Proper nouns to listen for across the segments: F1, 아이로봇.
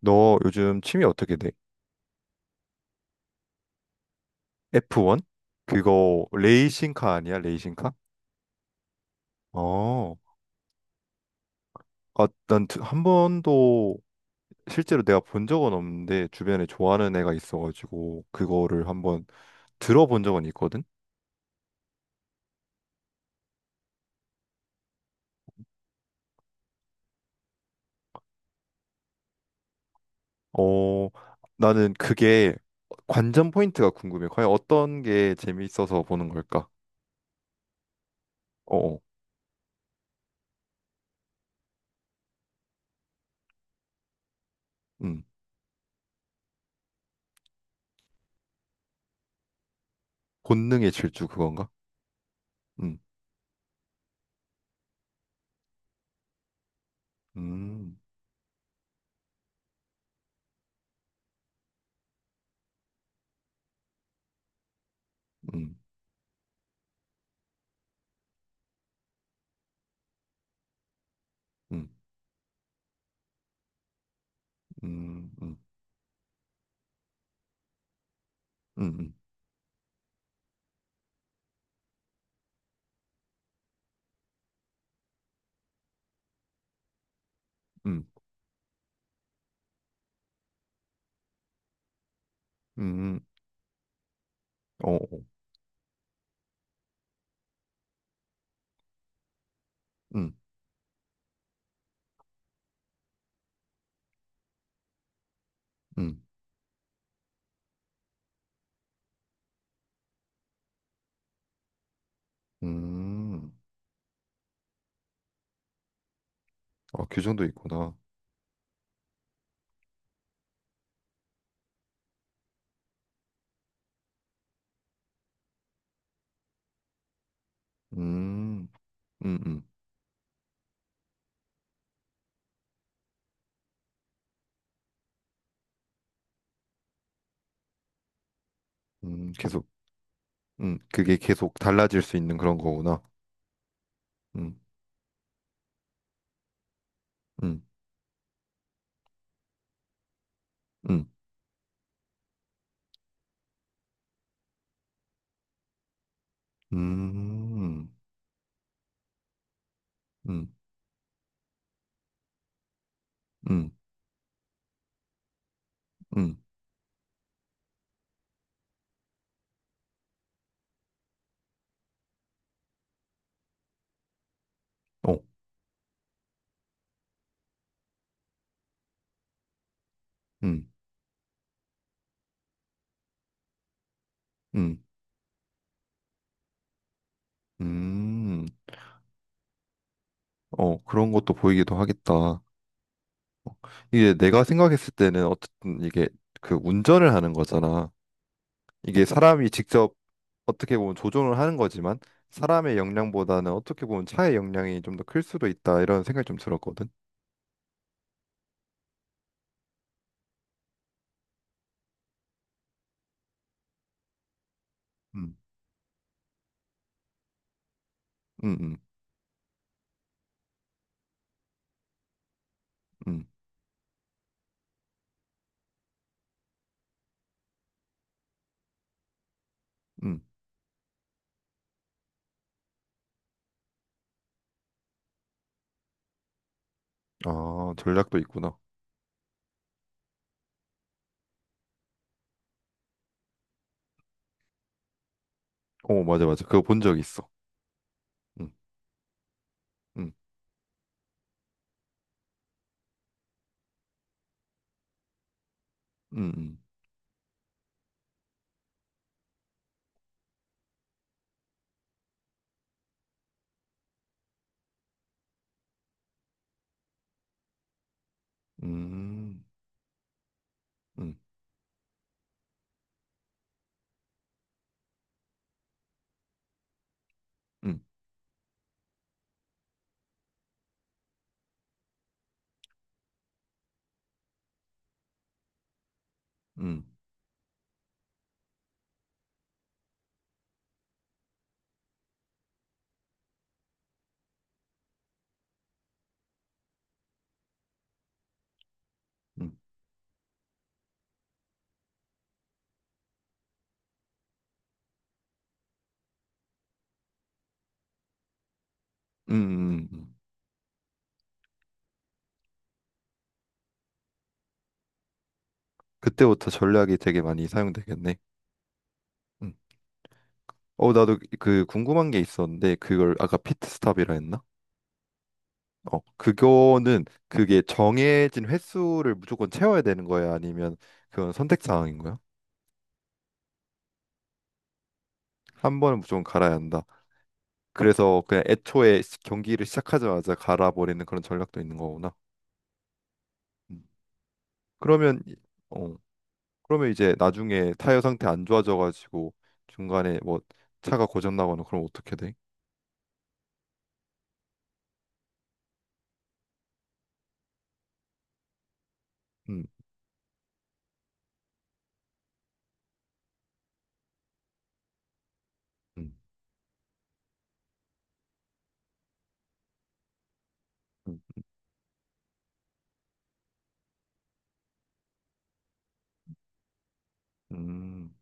너 요즘 취미 어떻게 돼? F1? 그거 레이싱카 아니야? 레이싱카? 어. 아, 난한 번도 실제로 내가 본 적은 없는데 주변에 좋아하는 애가 있어가지고 그거를 한번 들어본 적은 있거든? 어, 나는 그게 관전 포인트가 궁금해. 과연 어떤 게 재미있어서 보는 걸까? 어어. 음. 본능의 질주 그건가? 음. 음. 음. 음. 음. 음. 음. 음. 음. 음. 어어. 음, 음, 아, 규정도 있구나. 음, 음, 음, 계속, 그게 계속 달라질 수 있는 그런 거구나. 음, 음, 음, 음, 음, 음, 음, 어, 음, 음, 음, 어, 그런 것도 보이기도 하겠다. 어, 이게 내가 생각했을 때는 어쨌든 이게 그 운전을 하는 거잖아. 이게 사람이 직접 어떻게 보면 조종을 하는 거지만 사람의 역량보다는 어떻게 보면 차의 역량이 좀 더 클 수도 있다 이런 생각이 좀 들었거든. 음, 음, 음, 음, 음. 아, 전략도 있구나. 어, 맞아, 맞아. 그거 본 적 있어. 음, 음, 음, 음, 음, 음, 음, 음, 음, 음. 그때부터 전략이 되게 많이 사용되겠네. 음. 어, 나도 그 궁금한 게 있었는데 그걸 아까 피트스탑이라 했나? 어, 그거는 그게 정해진 횟수를 무조건 채워야 되는 거야? 아니면 그건 선택 사항인 거야? 한 번은 무조건 갈아야 한다. 그래서 그냥 애초에 시- 경기를 시작하자마자 갈아버리는 그런 전략도 있는 거구나. 음. 그러면 이- 어 그러면 이제 나중에 타이어 상태 안 좋아져가지고 중간에 뭐 차가 고장 나거나 그럼 어떻게 돼? 음, 음, 음, 음,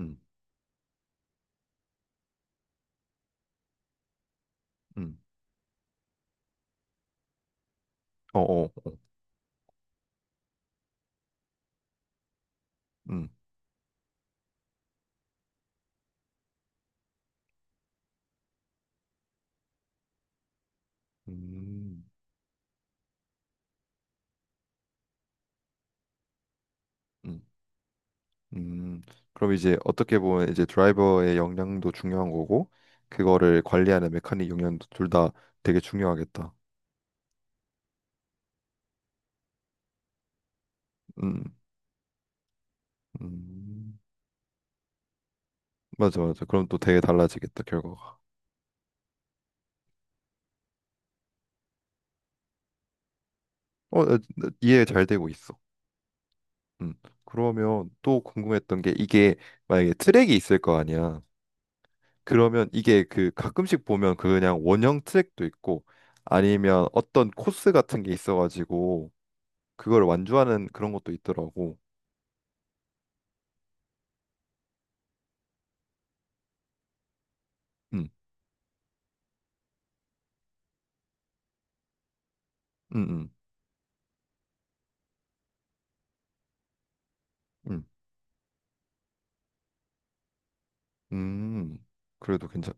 음, 음, 어, 어, 음, 음, 음, 음. 그럼 이제 어떻게 보면 이제 드라이버의 역량도 중요한 거고 그거를 관리하는 메카닉 역량도 둘 다 되게 중요하겠다. 음, 음. 맞아, 맞아. 그럼 또 되게 달라지겠다, 결과가. 어, 나 이해 잘 되고 있어. 음. 그러면 또 궁금했던 게 이게 만약에 트랙이 있을 거 아니야. 그러면 이게 그 가끔씩 보면 그 그냥 원형 트랙도 있고 아니면 어떤 코스 같은 게 있어가지고 그걸 완주하는 그런 것도 있더라고. 음, 음, 음, 음, 음. 그래도 괜찮.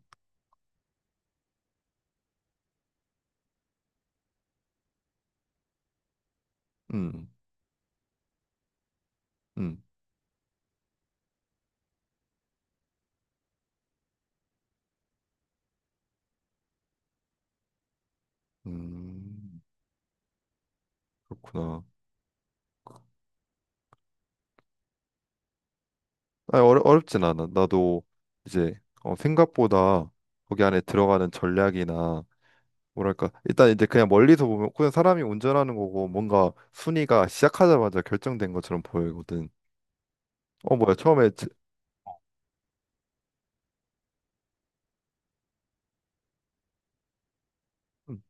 음, 음, 음. 그렇구나. 아 어렵진 않아. 나도 이제 어, 생각보다 거기 안에 들어가는 전략이나 뭐랄까 일단 이제 그냥 멀리서 보면 그냥 사람이 운전하는 거고 뭔가 순위가 시작하자마자 결정된 것처럼 보이거든. 어 뭐야 처음에 지- 음,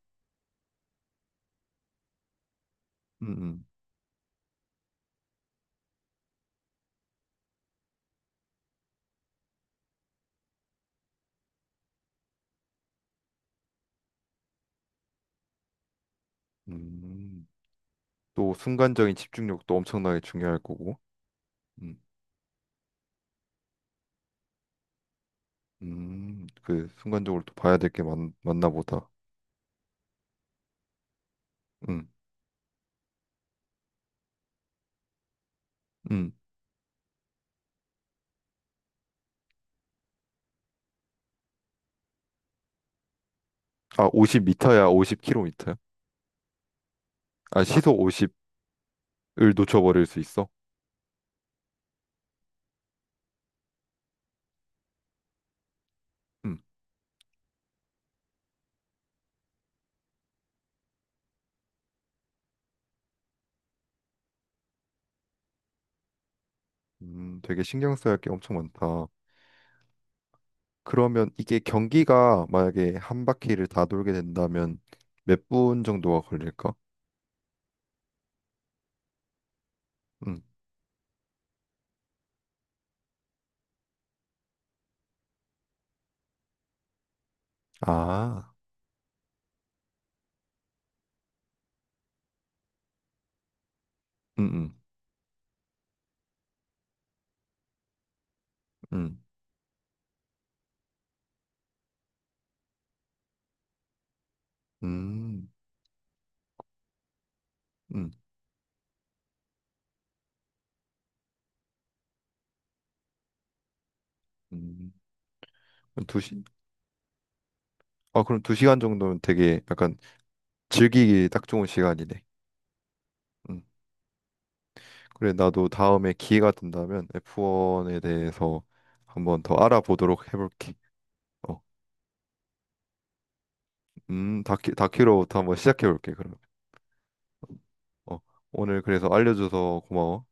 음, 음. 또 순간적인 집중력도 엄청나게 중요할 거고. 음, 그 순간적으로 또 봐야 될 게 많나 보다. 음, 음. 아 50m야 50km야? 아 시속 50을 놓쳐버릴 수 있어? 음. 되게 신경 써야 할 게 엄청 많다. 그러면 이게 경기가 만약에 한 바퀴를 다 돌게 된다면 몇 분 정도가 걸릴까? 음. 아, 음, 음, 음, 음, 음. 음. 두 시, 아, 그럼 두 시간 정도면 되게 약간 즐기기 딱 좋은 시간이네. 음. 그래, 나도 다음에 기회가 된다면 F1에 대해서 한번 더 알아보도록 해볼게. 어, 다큐로부터 한번 시작해볼게, 그러면. 어, 오늘 그래서 알려줘서 고마워.